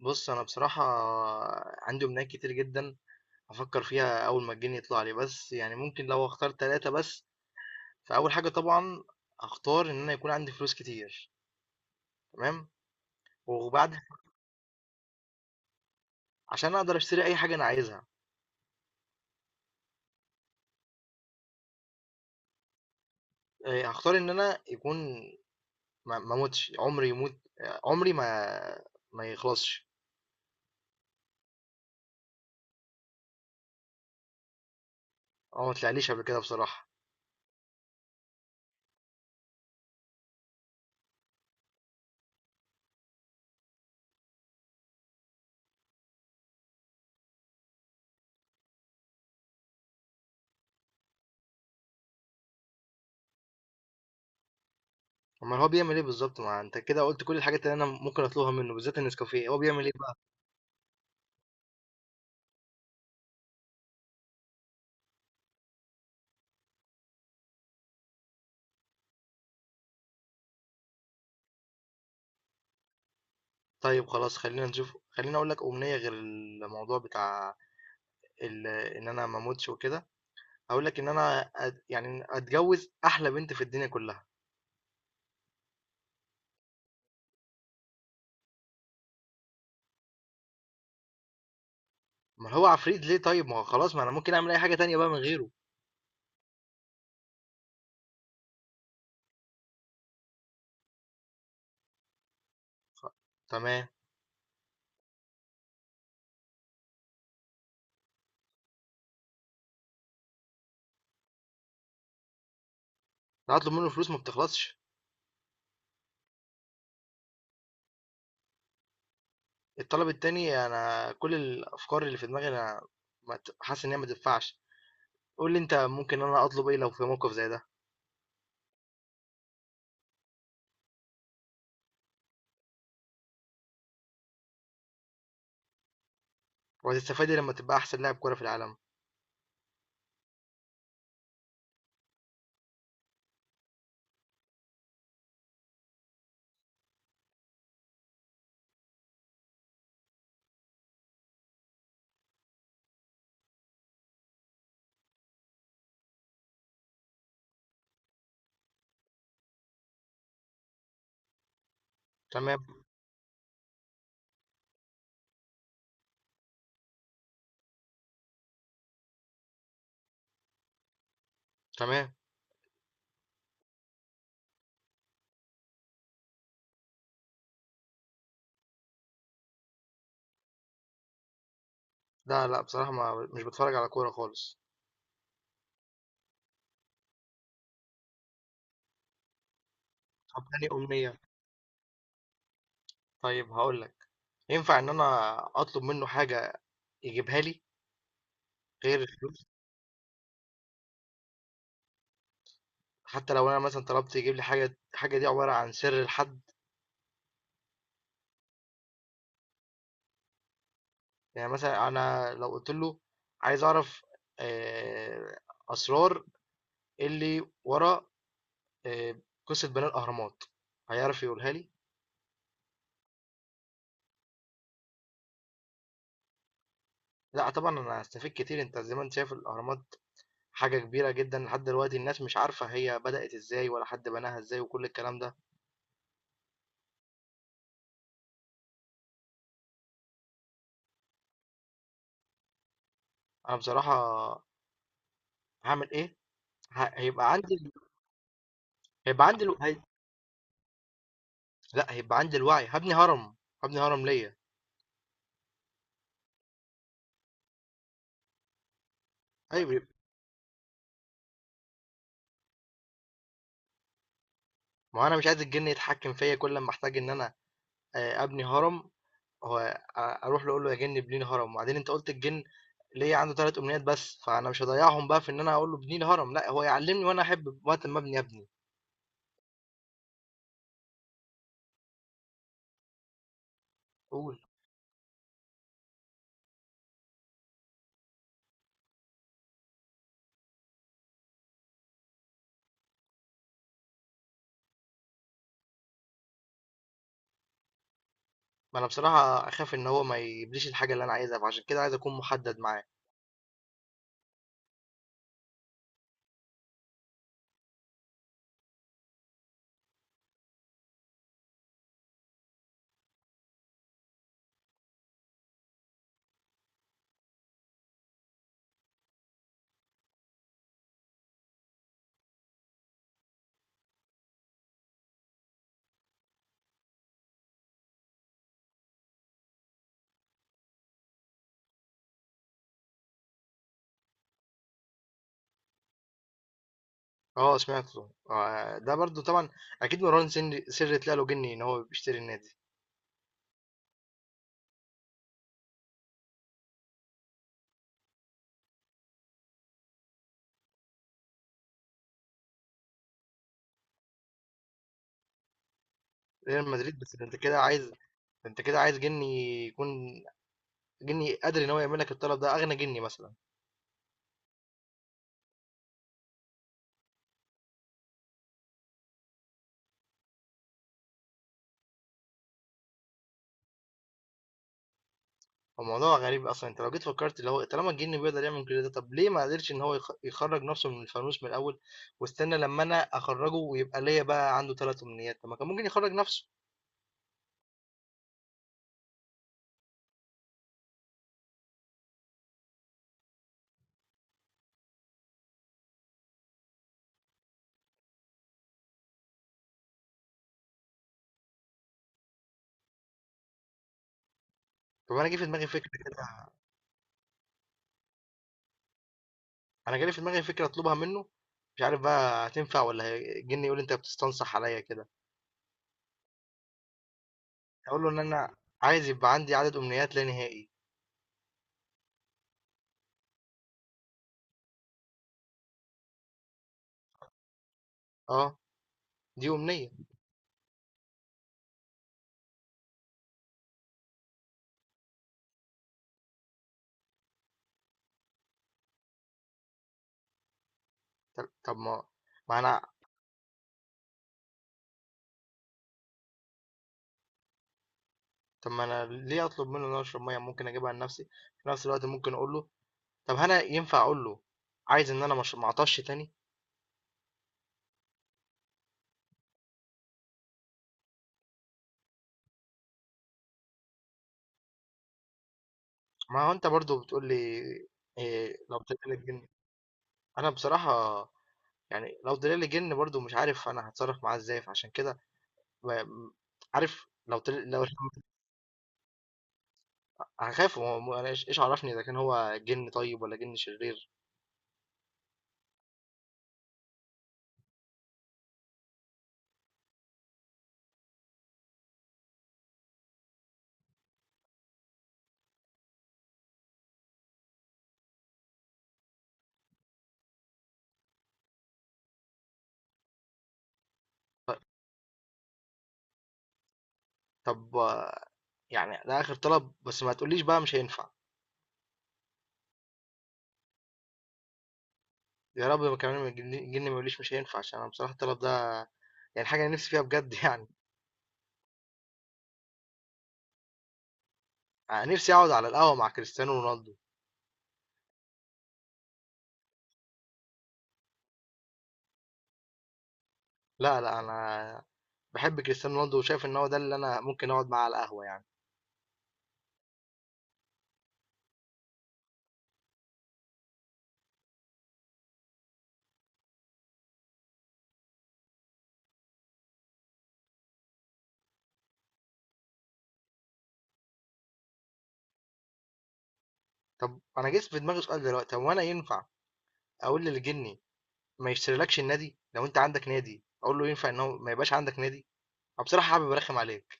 بُص، أنا بصراحة عندي أمنيات كتير جدًا. هافكّر فيها أول ما الجِن يطلع لي، بس يعني ممكن لو هاختار 3 بس، فأول حاجة طبعًا هاختار إن أنا يكون عندي فلوس كتير. تمام، وبعد عشان أقدر أشتري أي حاجة أنا عايزها. هاختار إن أنا يكون ما أموتش، عُمري ما يخلصش. هو ما طلعليش قبل كده بصراحة. أومّال هو بيعمل إيه بالضبط؟ ما أنت كده قُلت كل الحاجات اللي أنا ممكن أطلبها منّه، بالذات النسكافيه، هو بيعمل إيه بقى؟ طيب خلاص، خلّينا نشوف خلّيني أقول لك أمنية غير الموضوع بتاع إن أنا ما أموتش وكده. هاقول لك إن أنا يعني أتجوّز أحلى بنت في الدنيا كلّها. أمّال هو عفريت ليه طيب؟ ما هو خلاص، ما أنا ممكن أعمل أي حاجة تانية بقى من غيره. خ تمام، ده هاطلب منّه فلوس ما بتخلصش. الطلب التاني، أنا كل الأفكار اللي في دماغي، أنا ما حاسس إن هي ما تنفعش. قُل لي أنت، ممكن أنا أطلب إيه لو في موقف زي ده؟ وهتستفاد إيه لمّا تبقى أحسن لاعب كورة في العالم؟ تمام. تمام. لا، لأ بصراحة ما مش باتفرّج على كورة خالص. طب تاني أمنية؟ طيب هاقول لك، ينفع إن أنا أطلب منه حاجة يجيبها لي غير الفلوس؟ حتى لو أنا مثلًا طلبت يجيب لي حاجة، الحاجة دي عبارة عن سر لحد؟ يعني مثلًا أنا لو قُلت له، عايز أعرف آآ أسرار اللي ورا قصة بناء الأهرامات، هيعرف يقولها لي؟ لأ، طبعًا أنا هاستفيد كتير. أنت زي ما أنت شايف، الأهرامات حاجة كبيرة جدًا، لحد دلوقتي الناس مش عارفة هي بدأت إزاي ولا حد بناها إزاي وكل الكلام ده. أنا بصراحة هاعمل إيه؟ ه هيبقى عندي ال هيبقى عندي ال لأ، هيبقى عندي الوعي، هابني هرم، هابني هرم ليّا. أيوه، ما هو أنا مش عايز الجِن يتحكّم فيّا كل لمّا أحتاج إن أنا أبني هرم. هو أ أروح له أقول له، يا جِن ابني لي هرم، وبعدين أنت قُلت الجِن ليّا عنده 3 أمنيات بس، فأنا مش هاضيّعهم بقى في إن أنا أقول له ابني لي هرم. لأ، هو يعلّمني وأنا أحب وقت ما أبني أبني. قُل. ما أنا بصراحة أخاف إن هو ما يجيبليش الحاجة اللي أنا عايزها، فعشان كده عايز أكون محدّد معاه. آه، سمعته. ده برضه طبعًا أكيد مروان سِرّي طلع له جِن إن هو بيشتري النادي. ريال مدريد، بس ده أنت كده عايز، جني يكون جني قادر ان هو يعمل لك الطلب ده، اغنى جني مثلا. فالموضوع غريب اصلا. انت لو جيت فكرت، اللي هو طالما الجني بيقدر يعمل كل ده، طب ليه ما قدرش ان هو يخرج نفسه من الفانوس من الاول، واستنى لما انا اخرجه ويبقى ليا بقى عنده ثلاث امنيات؟ طب ما كان ممكن يخرج نفسه. طب انا جه في دماغي فكره كده، انا جالي في دماغي فكره اطلبها منه، مش عارف بقى هتنفع ولا الجني يقول انت بتستنصح عليا كده. اقول له ان انا عايز يبقى عندي عدد امنيات لا نهائي. اه، دي امنيه. طب طب ما ما انا طب ما أنا ليه أطلب منه إن هو يشرب مَيّة؟ ممكن أجيبها لنفسي. في نفس الوقت ممكن أقول له، طب هل أنا ينفع أقول له عايز إن أنا ما أعطشش تاني؟ ما هو أنت برضه بتقول لي، لو طلع لك جِن. أنا بصراحة يعني لو طلع لي جِن برضه مش عارف أنا هاتصرّف معاه إزاي، فعشان كده ب عارف لو طلع، هاخاف. هو أنا إيش عرفني إذا كان هو جِن طيب والّا جِن شرير؟ ط طب يعني ده آخر طلب، بس ما تقوليش بقى مش هينفع. يا رب ما كمان الجِن ما يقوليش مش هينفع، عشان أنا بصراحة الطلب ده يعني حاجة أنا نفسي فيها بجد يعني. أنا نفسي أقعد على القهوة مع كريستيانو رونالدو. لا، لا، أنا بحب كريستيانو رونالدو وشايف إن هو ده اللي أنا ممكن أقعد معاه على القهوة يعني. طب أنا جه في دماغي سؤال دلوقتي، هو أنا ينفع أقول للجني، ما يشتريلكش النادي؟ لو أنت عندك نادي أقول له ينفع إن هو ما يبقاش عندك نادي، أو بصراحة حابب أرخم عليك.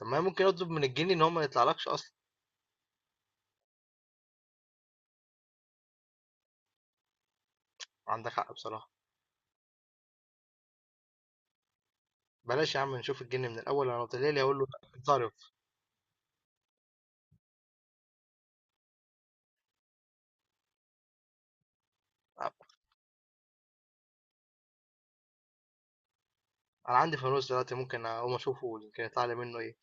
طب ما أنا ممكن أطلب من الجني إن هو ما يطلعلكش أصلا. عندك حق بصراحة. بلاش يا عم، نشوف الجني من الأول. أنا لو طلع لي هقول له، اتصرف. أنا عندي فانوس دلوقتي، ممكن أقوم أشوفه يمكن يطلع لي منه إيه.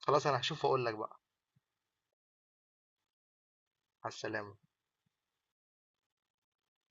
خلاص، أنا هشوفه وأقول لك بقى. على السلامة.